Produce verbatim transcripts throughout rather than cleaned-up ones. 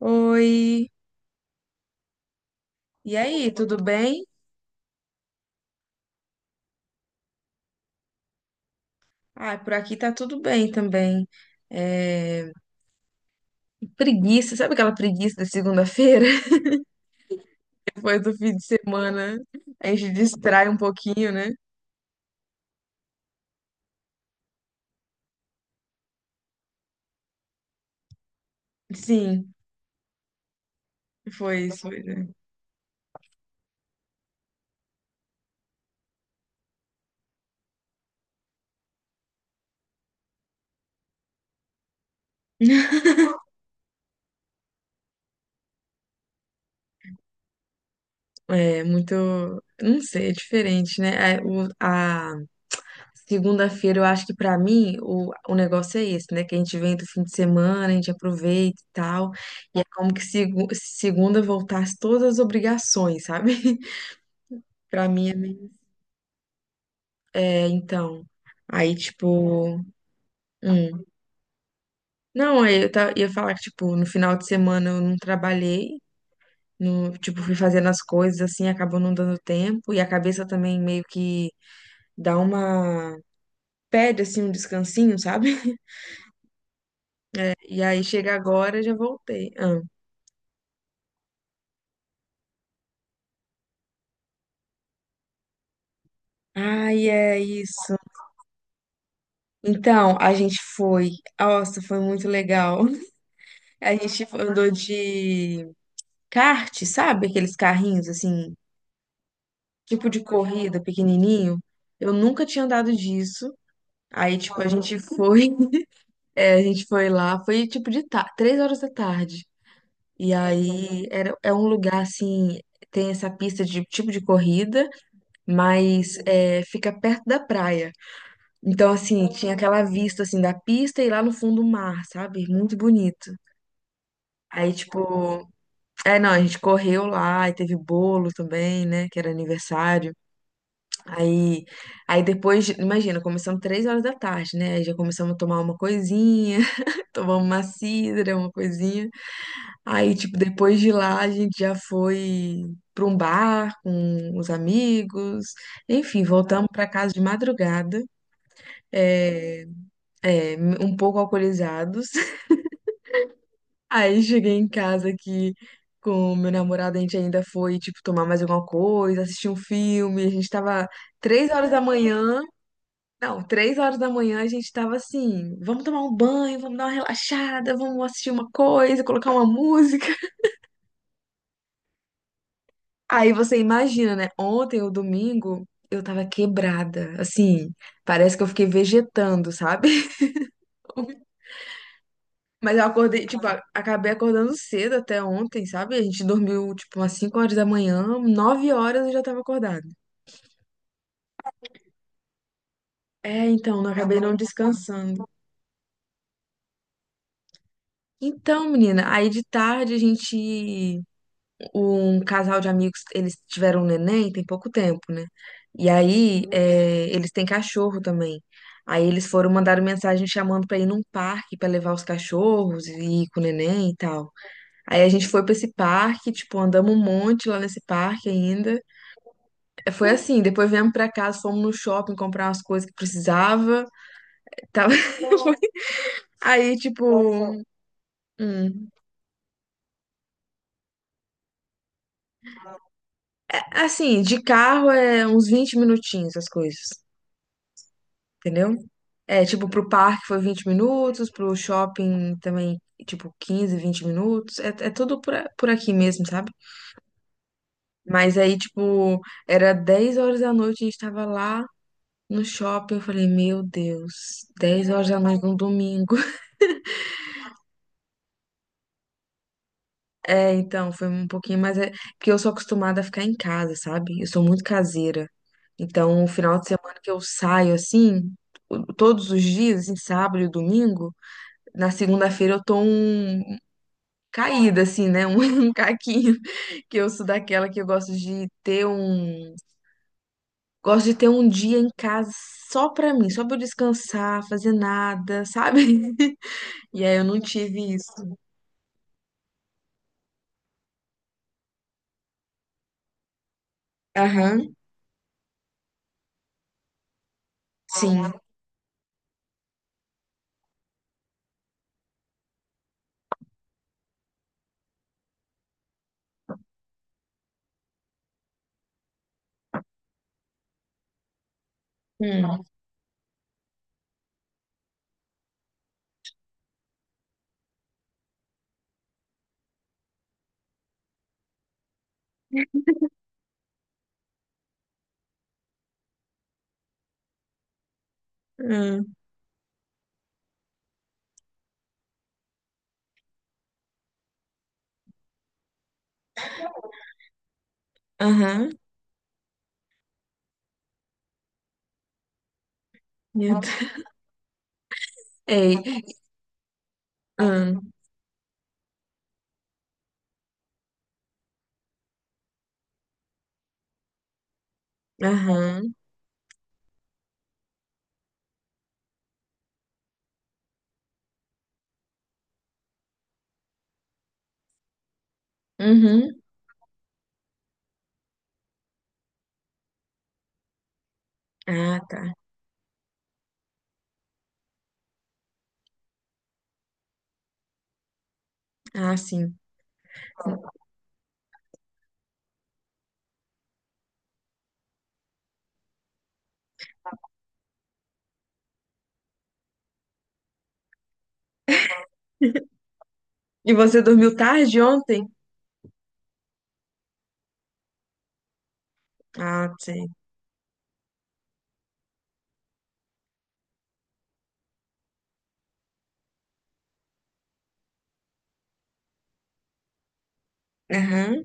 Oi, e aí, tudo bem? Ah, por aqui tá tudo bem também. É, Preguiça, sabe aquela preguiça da segunda-feira? Depois do fim de semana, a gente distrai um pouquinho, né? Sim, foi isso. Foi, né? É muito, não sei, é diferente, né? É, o- A, segunda-feira, eu acho que pra mim o, o negócio é esse, né? Que a gente vem do fim de semana, a gente aproveita e tal. E é como que segu- se segunda voltasse todas as obrigações, sabe? Pra mim é meio... É, então. Aí, tipo. hum. Não, aí eu ta- ia falar que, tipo, no final de semana eu não trabalhei. No, tipo, fui fazendo as coisas assim, acabou não dando tempo. E a cabeça também meio que dá uma. Pede assim um descansinho, sabe? E aí chega agora, já voltei. Ah. Ai, é isso. Então, a gente foi. Nossa, foi muito legal. A gente andou de kart, sabe? Aqueles carrinhos assim. Tipo de corrida pequenininho. Eu nunca tinha andado disso. Aí, tipo, a gente foi, é, a gente foi lá, foi tipo de ta- três horas da tarde. E aí era, é um lugar assim, tem essa pista de tipo de corrida, mas é, fica perto da praia. Então, assim, tinha aquela vista assim da pista e lá no fundo o mar, sabe? Muito bonito. Aí, tipo, é, não, a gente correu lá e teve bolo também, né? Que era aniversário. Aí, aí depois, imagina, começamos três horas da tarde, né? Aí já começamos a tomar uma coisinha, tomamos uma cidra, uma coisinha. Aí, tipo, depois de lá, a gente já foi para um bar com os amigos. Enfim, voltamos para casa de madrugada, é, é, um pouco alcoolizados. Aí cheguei em casa aqui com o meu namorado, a gente ainda foi, tipo, tomar mais alguma coisa, assistir um filme. A gente tava três horas da manhã. Não, três horas da manhã a gente tava assim, vamos tomar um banho, vamos dar uma relaxada, vamos assistir uma coisa, colocar uma música. Aí você imagina, né? Ontem, o domingo, eu tava quebrada, assim, parece que eu fiquei vegetando, sabe? Mas eu acordei, tipo, a- acabei acordando cedo até ontem, sabe? A gente dormiu, tipo, umas cinco horas da manhã, nove horas eu já tava acordada. É, então, não acabei não descansando. Então, menina, aí de tarde a gente um casal de amigos, eles tiveram um neném tem pouco tempo, né? E aí, é, eles têm cachorro também. Aí eles foram mandar mensagem chamando pra ir num parque pra levar os cachorros e ir com o neném e tal. Aí a gente foi pra esse parque, tipo, andamos um monte lá nesse parque ainda. É, foi assim, depois viemos pra casa, fomos no shopping comprar umas coisas que precisava. Tava... Aí, tipo, hum, assim, de carro é uns vinte minutinhos as coisas. Entendeu? É, tipo, pro parque foi vinte minutos, pro shopping também, tipo, quinze vinte minutos. É, é tudo por, a- por aqui mesmo, sabe? Mas aí, tipo, era dez horas da noite, a gente tava lá no shopping. Eu falei, meu Deus, dez horas da noite num domingo. É, então, foi um pouquinho, mas é porque eu sou acostumada a ficar em casa, sabe? Eu sou muito caseira. Então, o final de semana que eu saio assim, o- todos os dias, em sábado e domingo, na segunda-feira eu tô um caída, assim, né? Um, um caquinho. Que eu sou daquela que eu gosto de ter um. Gosto de ter um dia em casa só pra mim, só pra eu descansar, fazer nada, sabe? E aí eu não tive isso. Aham, sim. Hum, hum, aham, meu Deus. Ei, hum, aham, uhum. Ah, tá. Ah, sim. E você dormiu tarde ontem? Ah, sim. Aham,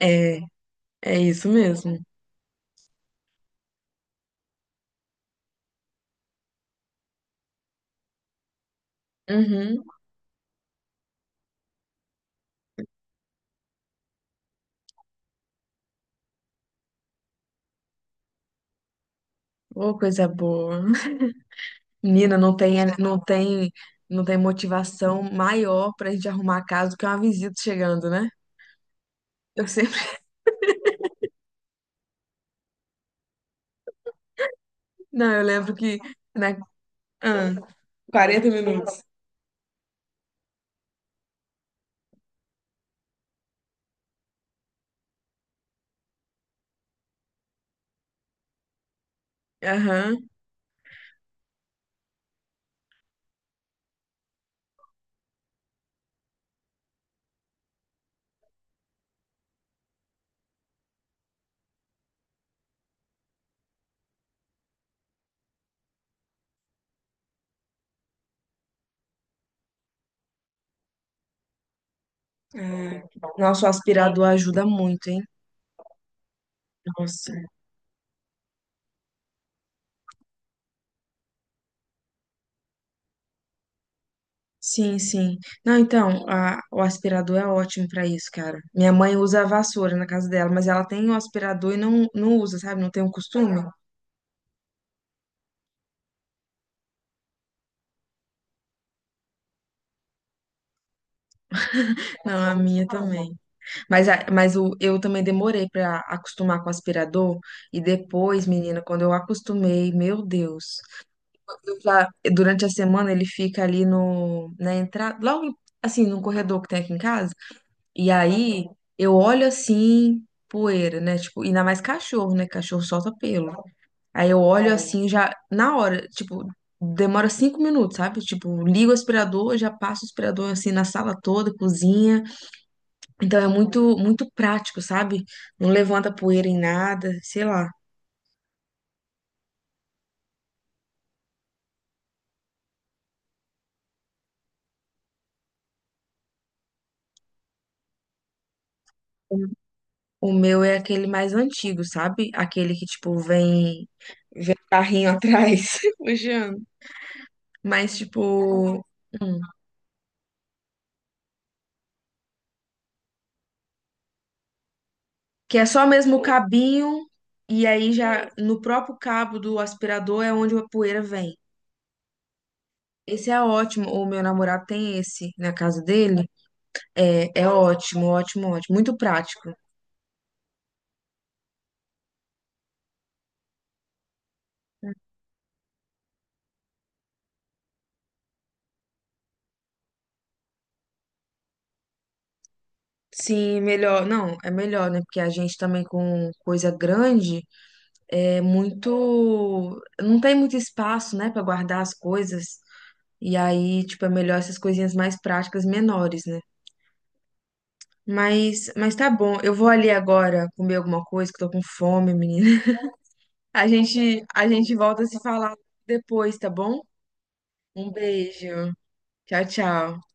é, é isso mesmo. Uhum. Ô, coisa boa. Menina, não tem, não tem, não tem motivação maior pra gente arrumar a casa do que uma visita chegando, né? Eu sempre. Não, eu lembro que. Né, ah, quarenta minutos. Aham. Ah, nossa, o aspirador ajuda muito, hein? Nossa. Sim, sim. Não, então, a- o aspirador é ótimo pra isso, cara. Minha mãe usa a vassoura na casa dela, mas ela tem o aspirador e não, não usa, sabe? Não tem o costume. Não, a minha também. Mas, a- mas o, eu também demorei para acostumar com o aspirador. E depois, menina, quando eu acostumei, meu Deus. Eu já- durante a semana ele fica ali no, na entrada, logo assim, no corredor que tem aqui em casa. E aí eu olho assim, poeira, né? Tipo, ainda mais cachorro, né? Cachorro solta pelo. Aí eu olho assim, já na hora, tipo, demora cinco minutos, sabe? Tipo, ligo o aspirador, já passo o aspirador assim na sala toda, cozinha. Então é muito, muito prático, sabe? Não levanta poeira em nada, sei lá. O meu é aquele mais antigo, sabe? Aquele que, tipo, vem, vem um carrinho atrás, puxando. Mas, tipo, hum, que é só mesmo o cabinho, e aí já no próprio cabo do aspirador é onde a poeira vem. Esse é ótimo. O meu namorado tem esse na casa dele. É, é ótimo, ótimo, ótimo. Muito prático. Sim, melhor. Não, é melhor, né? Porque a gente também com coisa grande é muito. Não tem muito espaço, né, pra guardar as coisas. E aí, tipo, é melhor essas coisinhas mais práticas, menores, né? Mas, mas tá bom. Eu vou ali agora comer alguma coisa, que eu tô com fome, menina. A gente, a gente volta a se falar depois, tá bom? Um beijo. Tchau, tchau.